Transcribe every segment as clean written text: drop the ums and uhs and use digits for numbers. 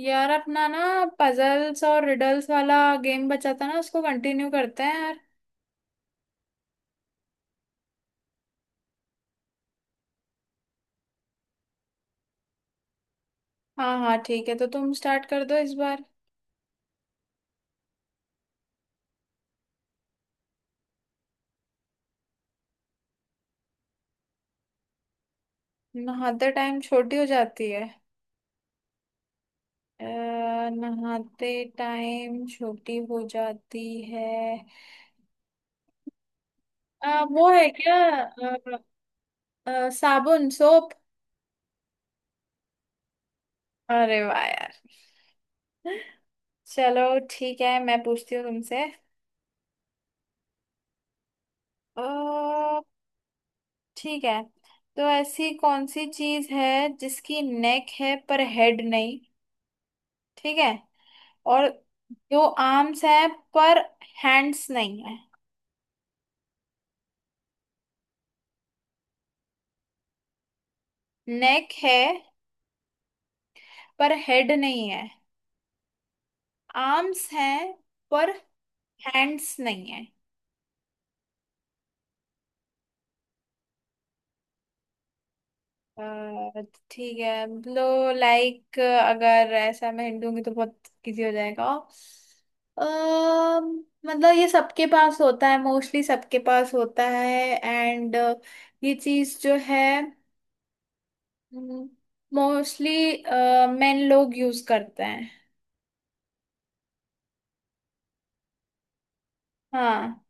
यार अपना ना पजल्स और रिडल्स वाला गेम बचा था ना, उसको कंटिन्यू करते हैं यार। हाँ हाँ ठीक है, तो तुम स्टार्ट कर दो इस बार। नहाते टाइम छोटी हो जाती है। अ, नहाते टाइम छोटी हो जाती है। वो है क्या? साबुन सोप। अरे वाह यार। चलो ठीक है, मैं पूछती हूँ तुमसे। अ, ठीक है। तो ऐसी कौन सी चीज है जिसकी नेक है पर हेड नहीं? ठीक है। और जो आर्म्स है पर हैंड्स नहीं है? नेक है पर हेड नहीं है, आर्म्स हैं पर हैंड्स नहीं है। अ, ठीक है लो। लाइक अगर ऐसा मैं हिंट दूंगी तो बहुत इजी हो जाएगा। मतलब ये सबके पास होता है, मोस्टली सबके पास होता है। एंड ये चीज जो है मोस्टली मेन लोग यूज करते हैं। हाँ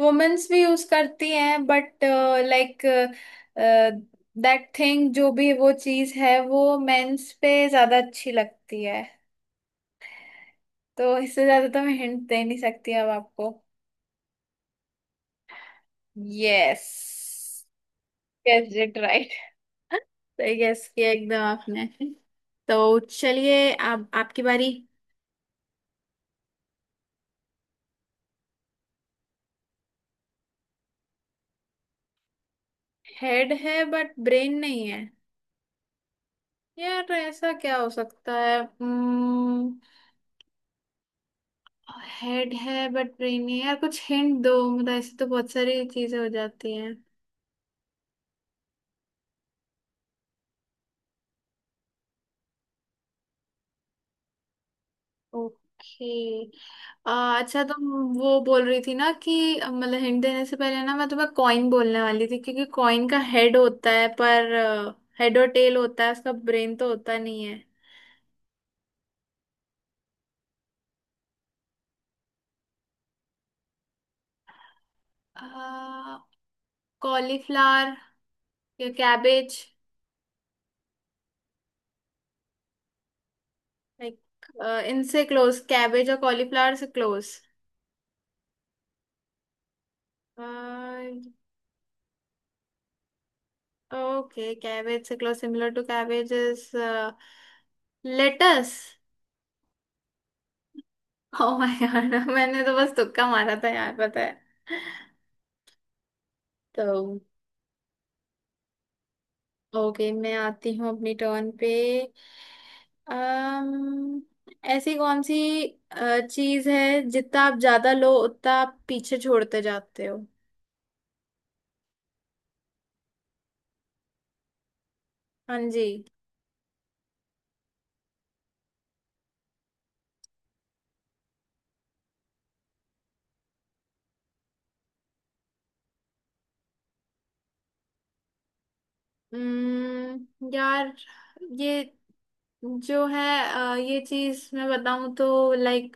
वुमेन्स भी यूज करती हैं बट लाइक दैट थिंग जो भी वो चीज है वो मेंस पे ज्यादा अच्छी लगती है। तो इससे ज्यादा तो मैं हिंट दे नहीं सकती अब आपको। यस। Guess it right. सही गेस किया एकदम आपने। तो चलिए अब आपकी बारी। हेड है बट ब्रेन नहीं है? यार ऐसा क्या हो सकता है? हेड है बट ब्रेन नहीं है। यार कुछ हिंट दो, मतलब ऐसे तो बहुत सारी चीजें हो जाती हैं। ओके अच्छा तुम। वो बोल रही थी ना कि मतलब हिंट देने से पहले ना मैं तुम्हें कॉइन बोलने वाली थी, क्योंकि कॉइन का हेड होता है, पर हेड और टेल होता है उसका, ब्रेन तो होता नहीं है। कॉलीफ्लावर या कैबेज? लाइक इनसे क्लोज? कैबेज और कॉलीफ्लावर से क्लोज? Okay, cabbage से close, similar to cabbage is lettuce. Oh my god. मैंने तो बस तुक्का मारा था यार, पता है। तो ओके, मैं आती हूँ अपनी टर्न पे। अम्म ऐसी कौन सी चीज है जितना आप ज्यादा लो उतना आप पीछे छोड़ते जाते हो? हाँ जी। यार ये जो है, ये चीज मैं बताऊं तो लाइक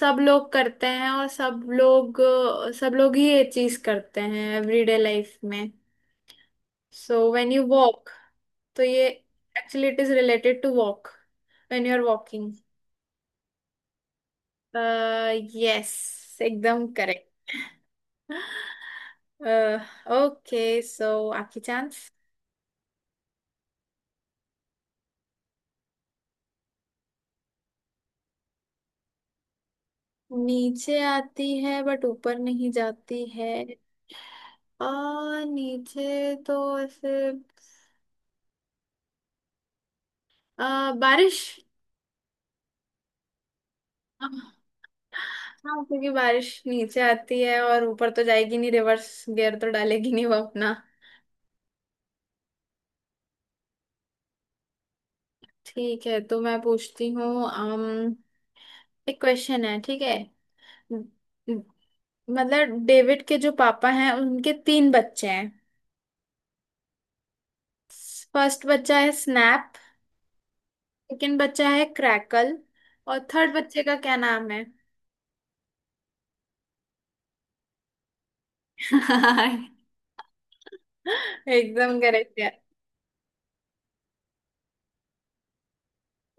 सब लोग करते हैं, और सब लोग सब लोग ही ये चीज करते हैं एवरीडे लाइफ में। सो व्हेन यू वॉक, तो ये actually it is related to walk. When you are walking. Yes एकदम करेक्ट। ओके सो आपकी चांस। नीचे आती है बट ऊपर नहीं जाती है? आ, नीचे तो ऐसे, बारिश। हाँ क्योंकि बारिश नीचे आती है और ऊपर तो जाएगी नहीं, रिवर्स गियर तो डालेगी नहीं वो अपना। ठीक है तो मैं पूछती हूँ। एक क्वेश्चन है, ठीक है। मतलब डेविड के जो पापा हैं उनके तीन बच्चे हैं। फर्स्ट बच्चा है स्नैप, सेकंड बच्चा है क्रैकल और थर्ड बच्चे का क्या नाम है? हाँ एकदम करेक्ट यार।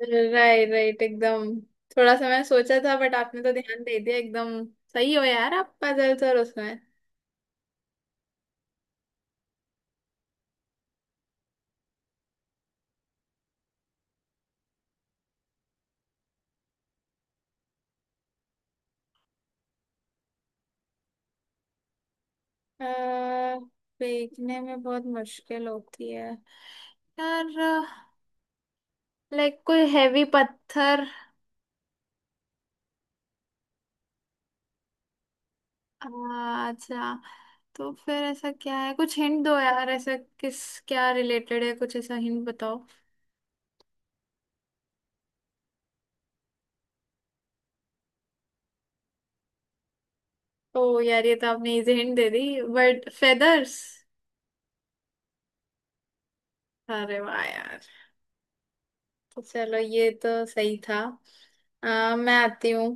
राइट राइट एकदम। थोड़ा सा मैं सोचा था बट आपने तो ध्यान दे दिया एकदम। सही हो यार आप, पजल सर उसमें। अह, फेंकने में बहुत मुश्किल होती है? यार लाइक कोई हैवी पत्थर? अच्छा। तो फिर ऐसा क्या है, कुछ हिंट दो यार, ऐसा किस क्या रिलेटेड है, कुछ ऐसा हिंट बताओ। ओ यार ये तो आपने इजी हिंट दे दी। But feathers. अरे वाह यार। चलो ये तो सही था। मैं आती हूँ।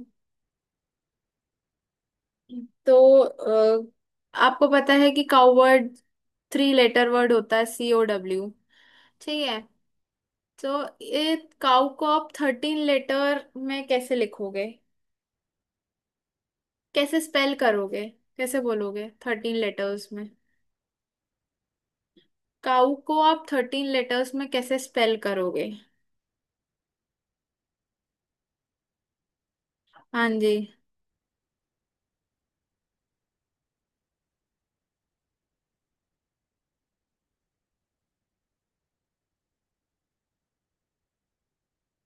तो आपको पता है कि cow word three letter word होता है, सी ओ डब्ल्यू। ठीक है, तो ये काउ को आप थर्टीन लेटर में कैसे लिखोगे? कैसे स्पेल करोगे? कैसे बोलोगे थर्टीन लेटर्स में? काउ को आप थर्टीन लेटर्स में कैसे स्पेल करोगे? हाँ जी।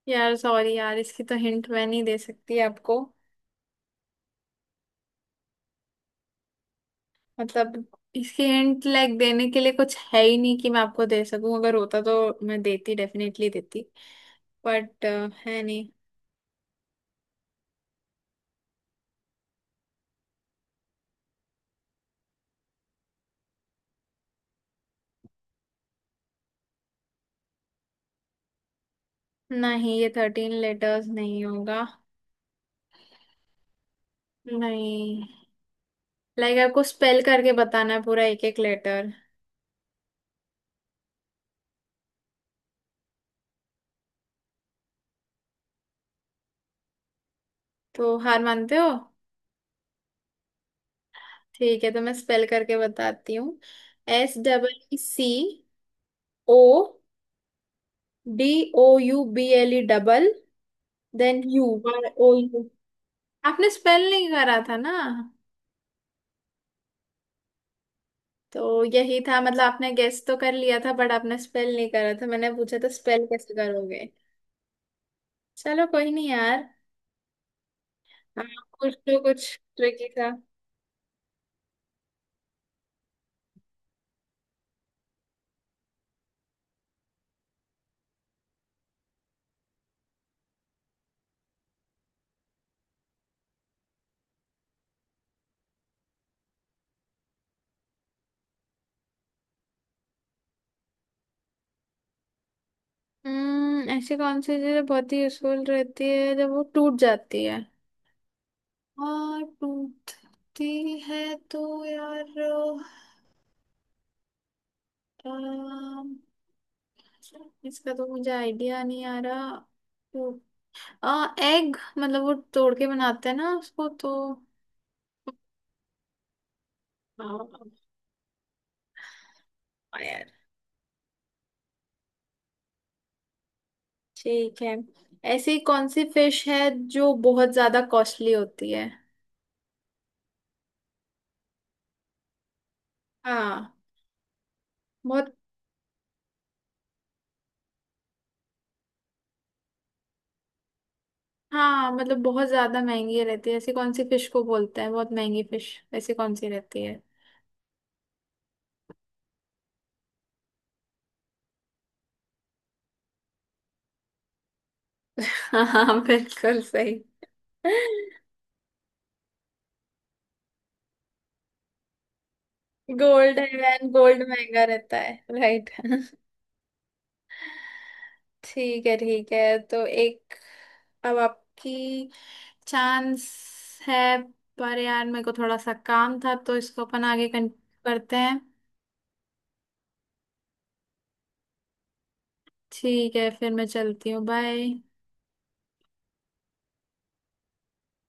यार सॉरी यार, इसकी तो हिंट मैं नहीं दे सकती आपको। मतलब इसकी हिंट लाइक देने के लिए कुछ है ही नहीं कि मैं आपको दे सकूं। अगर होता तो मैं देती, डेफिनेटली देती, बट है नहीं। नहीं, ये थर्टीन लेटर्स नहीं होगा। नहीं, लाइक आपको स्पेल करके बताना है पूरा एक एक लेटर। तो हार मानते हो? ठीक है, तो मैं स्पेल करके बताती हूँ। S double C O D O U B L E double then U Y O U. आपने स्पेल नहीं करा था ना। तो यही था, मतलब आपने गेस तो कर लिया था बट आपने स्पेल नहीं करा था, मैंने पूछा था स्पेल कैसे करोगे। चलो कोई नहीं यार। आप कुछ, तो कुछ ट्रिकी था। हम्म, ऐसी कौन सी चीज बहुत ही यूजफुल रहती है जब वो टूट जाती है? हाँ टूटती है तो यार, अ, इसका तो मुझे आइडिया नहीं आ रहा। टूट, एग, मतलब वो तोड़ के बनाते हैं ना उसको तो। हाँ ठीक है। ऐसी कौन सी फिश है जो बहुत ज्यादा कॉस्टली होती है? हाँ बहुत। हाँ मतलब बहुत ज्यादा महंगी रहती है, ऐसी कौन सी फिश को बोलते हैं बहुत महंगी फिश, ऐसी कौन सी रहती है? हाँ बिल्कुल सही। गोल्ड है मैन, गोल्ड महंगा रहता है। राइट। ठीक है ठीक है, तो एक, अब आपकी चांस है। पर यार मेरे को थोड़ा सा काम था, तो इसको अपन आगे करते हैं। ठीक है, फिर मैं चलती हूँ। बाय।